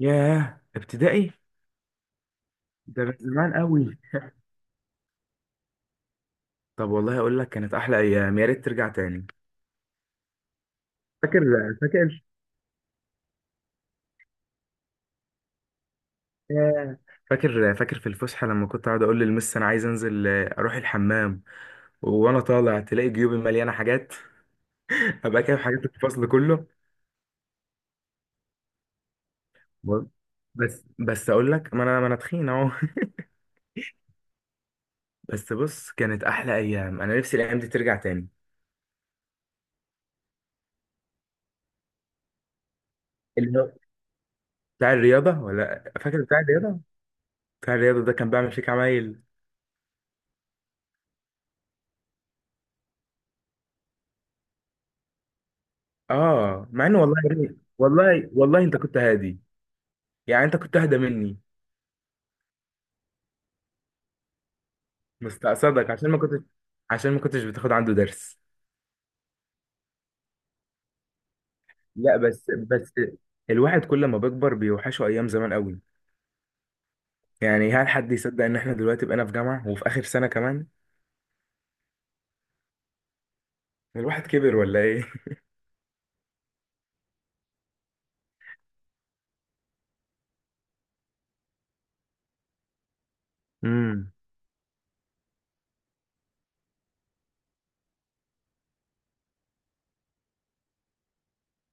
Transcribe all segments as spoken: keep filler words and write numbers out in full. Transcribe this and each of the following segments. ياه، ابتدائي! ده من زمان قوي. طب والله اقول لك، كانت احلى ايام، يا ريت ترجع تاني. فاكر فاكر. ياه. فاكر فاكر في الفسحه لما كنت اقعد اقول للمس انا عايز انزل آه، اروح الحمام. وانا طالع تلاقي جيوبي مليانه حاجات. ابقى كده حاجات الفصل كله. و- بس بس اقول لك، ما انا ما انا تخين اهو. بس بص، كانت احلى ايام، انا نفسي الايام دي ترجع تاني. اللي هو بتاع الرياضه، ولا فاكر؟ بتاع الرياضه. بتاع الرياضه ده كان بيعمل فيك عمايل. اه، مع ان والله ري- والله والله انت كنت هادي، يعني انت كنت اهدى مني. مستقصدك عشان ما كنتش عشان ما كنتش بتاخد عنده درس. لا بس بس الواحد كل ما بيكبر بيوحشه ايام زمان قوي، يعني هل حد يصدق ان احنا دلوقتي بقينا في جامعة وفي اخر سنة كمان؟ الواحد كبر ولا ايه؟ امم.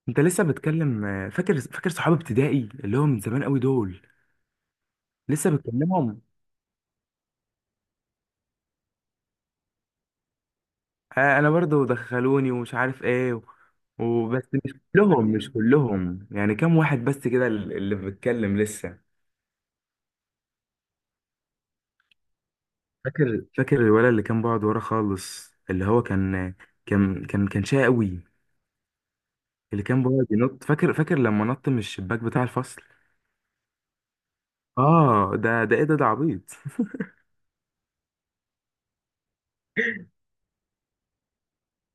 انت لسه بتكلم؟ فاكر فاكر صحاب ابتدائي اللي هو من زمان قوي دول؟ لسه بتكلمهم؟ آه، انا برضو دخلوني ومش عارف ايه و- وبس. مش كلهم مش كلهم، يعني كام واحد بس كده ال- اللي بيتكلم لسه. فاكر فاكر الولد اللي كان بيقعد ورا خالص، اللي هو كان كان كان كان شقي قوي. اللي كان بيقعد ينط. فاكر فاكر لما نط من الشباك بتاع الفصل؟ اه، ده، ده ايه ده؟ ده عبيط!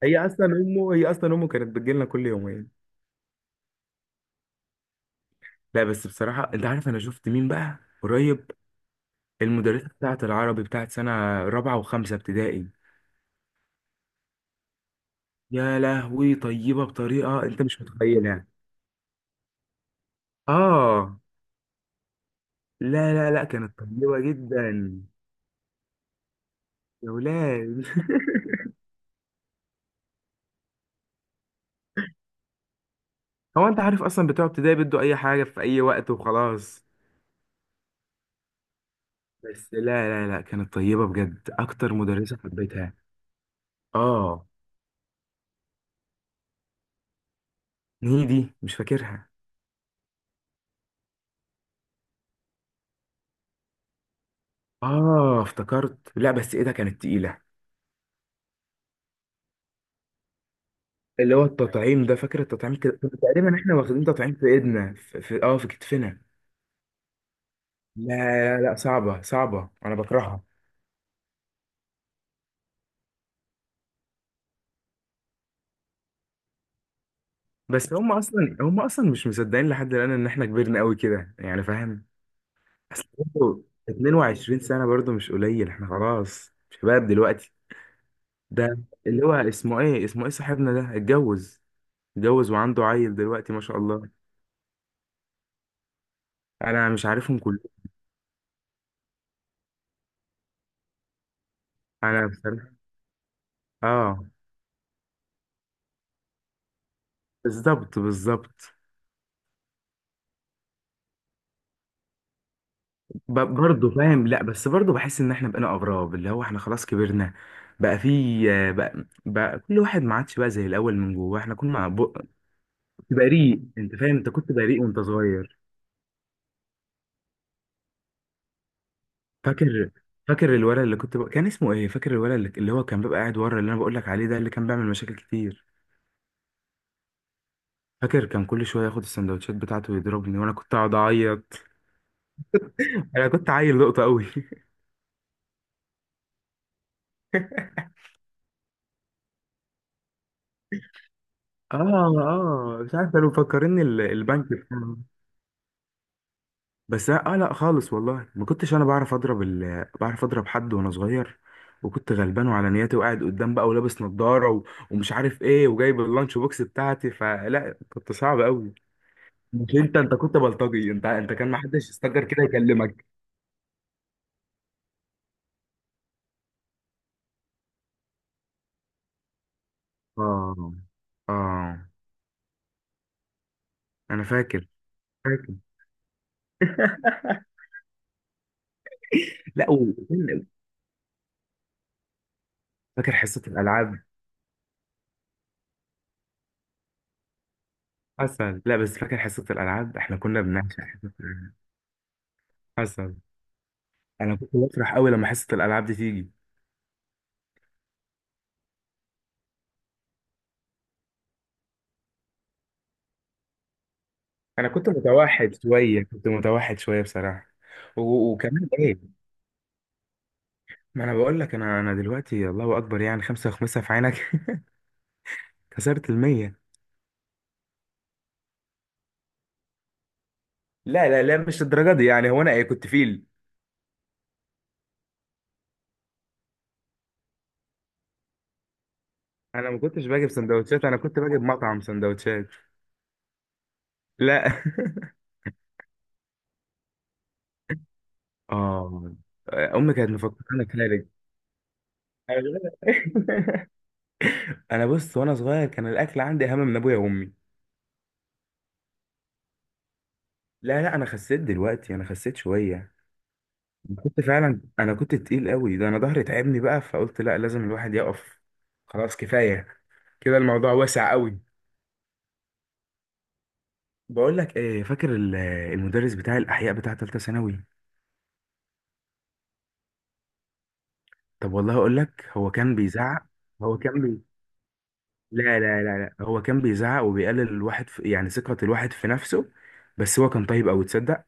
هي اصلا امه هي اصلا امه كانت بتجيلنا كل يومين. لا بس بصراحه، انت عارف انا شفت مين بقى قريب؟ المدرسه بتاعه العربي بتاعه سنه رابعه وخمسه ابتدائي. يا لهوي، طيبة بطريقة انت مش متخيلها. اه. لا لا لا، كانت طيبة جدا. يا ولاد. هو انت عارف اصلا بتوع ابتدائي بيدوا اي حاجة في اي وقت وخلاص. بس لا لا لا، كانت طيبة بجد، اكتر مدرسة حبيتها. اه. دي مش فاكرها. اه افتكرت. لا بس ايه، ده كانت تقيلة. اللي هو التطعيم ده. فاكر التطعيم؟ كده كنا تقريبا احنا واخدين تطعيم في ايدنا، في في- اه في كتفنا. لا لا لا، صعبة صعبة، انا بكرهها. بس هم اصلا هم اصلا مش مصدقين لحد الان ان احنا كبرنا قوي كده، يعني فاهم. اصل برضه اثنين وعشرين سنه، برضه مش قليل، احنا خلاص شباب دلوقتي. ده اللي هو اسمه ايه اسمه ايه صاحبنا ده، اتجوز؟ اتجوز وعنده عيل دلوقتي، ما شاء الله. انا مش عارفهم كلهم. انا بصراحه، اه، بالظبط بالظبط. ب- برضه فاهم. لا بس برضه بحس ان احنا بقينا اغراب، اللي هو احنا خلاص كبرنا. بقى في، بقى, بقى كل واحد ما عادش بقى زي الاول من جوه. احنا كنا بريء، انت فاهم، انت كنت بريء وانت صغير. فاكر فاكر الولد اللي كنت ب... كان اسمه ايه؟ فاكر الولد اللي اللي هو كان بيبقى قاعد ورا، اللي انا بقول لك عليه ده، اللي كان بيعمل مشاكل كتير؟ فاكر كان كل شويه ياخد السندوتشات بتاعته ويضربني وانا كنت اقعد اعيط. انا كنت عيل لقطه قوي. اه اه، مش عارف كانوا مفكريني ال- البنك بتاعهم. بس اه، لا خالص، والله ما كنتش انا بعرف اضرب ال... بعرف اضرب حد وانا صغير، وكنت غلبان وعلى نياتي، وقاعد قدام بقى ولابس نظارة و... ومش عارف ايه، وجايب اللانش بوكس بتاعتي، فلا كنت صعب قوي. مش انت انت كنت بلطجي، انت انت كان ما حدش يستجر كده يكلمك. اه اه، انا فاكر فاكر. لا و... فاكر حصة الالعاب؟ حصل. لا بس فاكر حصة الالعاب، احنا كنا بنعشق حصة الألعاب. حصل. انا كنت بفرح قوي لما حصة الالعاب دي تيجي. انا كنت متوحد شويه، كنت متوحد شويه بصراحه و- وكمان ايه، ما انا بقول لك، انا انا دلوقتي الله اكبر، يعني خمسة وخمسة في عينك. كسرت المية. لا لا لا، مش الدرجه دي، يعني هو انا ايه، كنت فيل؟ انا ما كنتش باجي بسندوتشات، انا كنت باجي بمطعم سندوتشات. لا. اه، امي كانت مفكره انا خارج. انا بص، وانا صغير كان الاكل عندي اهم من ابويا وامي. لا لا، انا خسيت دلوقتي، انا خسيت شويه. كنت فعلا، انا كنت تقيل قوي، ده انا ظهري تعبني بقى فقلت لا، لازم الواحد يقف، خلاص كفايه كده، الموضوع واسع قوي. بقول لك ايه، فاكر ال- المدرس بتاع الاحياء بتاع ثالثه ثانوي؟ طب والله اقول لك، هو كان بيزعق. هو كان بي... لا لا لا لا، هو كان بيزعق وبيقلل الواحد في... يعني ثقه الواحد في نفسه. بس هو كان طيب قوي، تصدق؟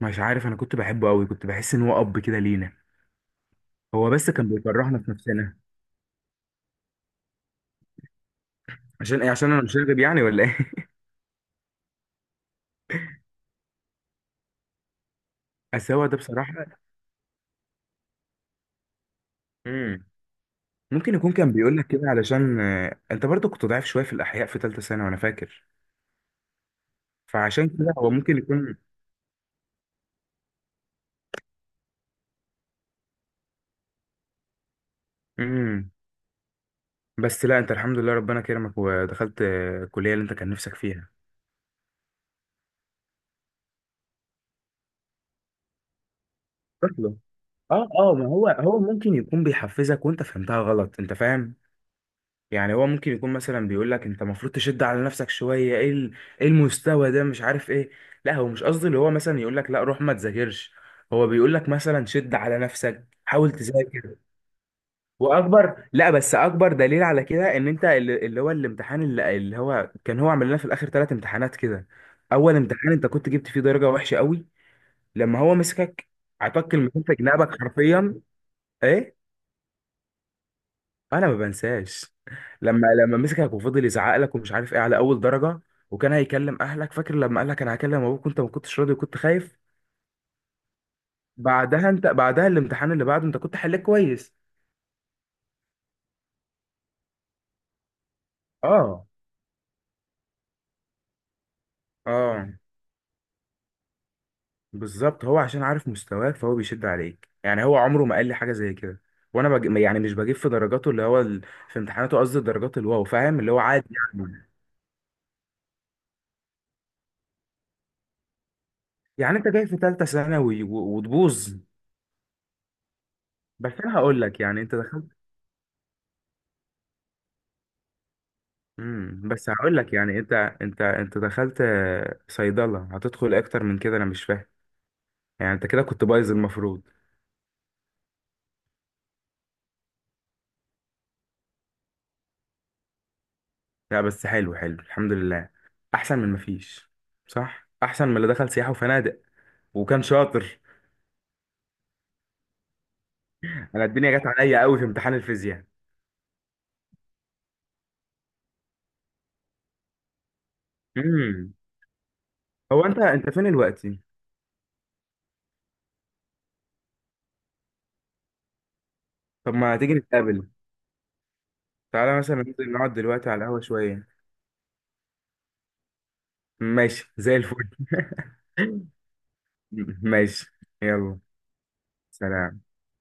مش عارف، انا كنت بحبه قوي، كنت بحس ان هو اب كده لينا. هو بس كان بيكرهنا في نفسنا. عشان ايه؟ عشان انا مش راغب يعني ولا ايه؟ بس هو ده بصراحه. مم. ممكن يكون كان بيقول لك كده علشان، آه، انت برضو كنت ضعيف شويه في الاحياء في ثالثه ثانوي، وانا فاكر. فعشان كده هو ممكن يكون، امم بس لا، انت الحمد لله ربنا كرمك ودخلت آه، الكليه اللي انت كان نفسك فيها. شكله. اه اه، ما هو هو ممكن يكون بيحفزك وانت فهمتها غلط، انت فاهم؟ يعني هو ممكن يكون مثلا بيقول لك انت المفروض تشد على نفسك شويه، ايه ال- ايه المستوى ده، مش عارف ايه. لا هو مش قصدي اللي هو مثلا يقول لك لا روح ما تذاكرش، هو بيقول لك مثلا شد على نفسك، حاول تذاكر. واكبر لا بس اكبر دليل على كده، ان انت اللي اللي هو الامتحان، اللي اللي هو كان هو عمل لنا في الاخر ثلاث امتحانات كده. اول امتحان انت كنت جبت فيه درجه وحشه قوي، لما هو مسكك، عطاك المسافه في جنابك حرفيا. ايه. انا ما بنساش. لما لما مسكك وفضل يزعق لك ومش عارف ايه على اول درجه، وكان هيكلم اهلك، فاكر لما قال لك انا هكلم ابوك وانت ما كنتش راضي وكنت خايف؟ بعدها انت بعدها الامتحان اللي بعده انت كنت حليت كويس. اه اه، بالظبط، هو عشان عارف مستواك فهو بيشد عليك، يعني هو عمره ما قال لي حاجه زي كده. وانا بج... يعني مش بجيب في درجاته، اللي هو ال... في امتحاناته قصدي درجات الواو، فاهم، اللي هو عادي. يعني يعني انت جاي في ثالثه ثانوي و... وتبوظ؟ بس انا هقول لك، يعني انت دخلت، امم بس هقول لك، يعني انت، انت انت دخلت آه، صيدله، هتدخل اكتر من كده؟ انا مش فاهم، يعني انت كده كنت بايظ المفروض. لا بس حلو حلو الحمد لله. احسن من مفيش. صح، احسن من اللي دخل سياحه وفنادق وكان شاطر. انا الدنيا جت عليا قوي في امتحان الفيزياء. امم هو انت انت فين دلوقتي؟ طب ما تيجي نتقابل، تعالى مثلا ننزل نقعد دلوقتي على القهوة شوية. ماشي زي الفل. ماشي، يلا، سلام.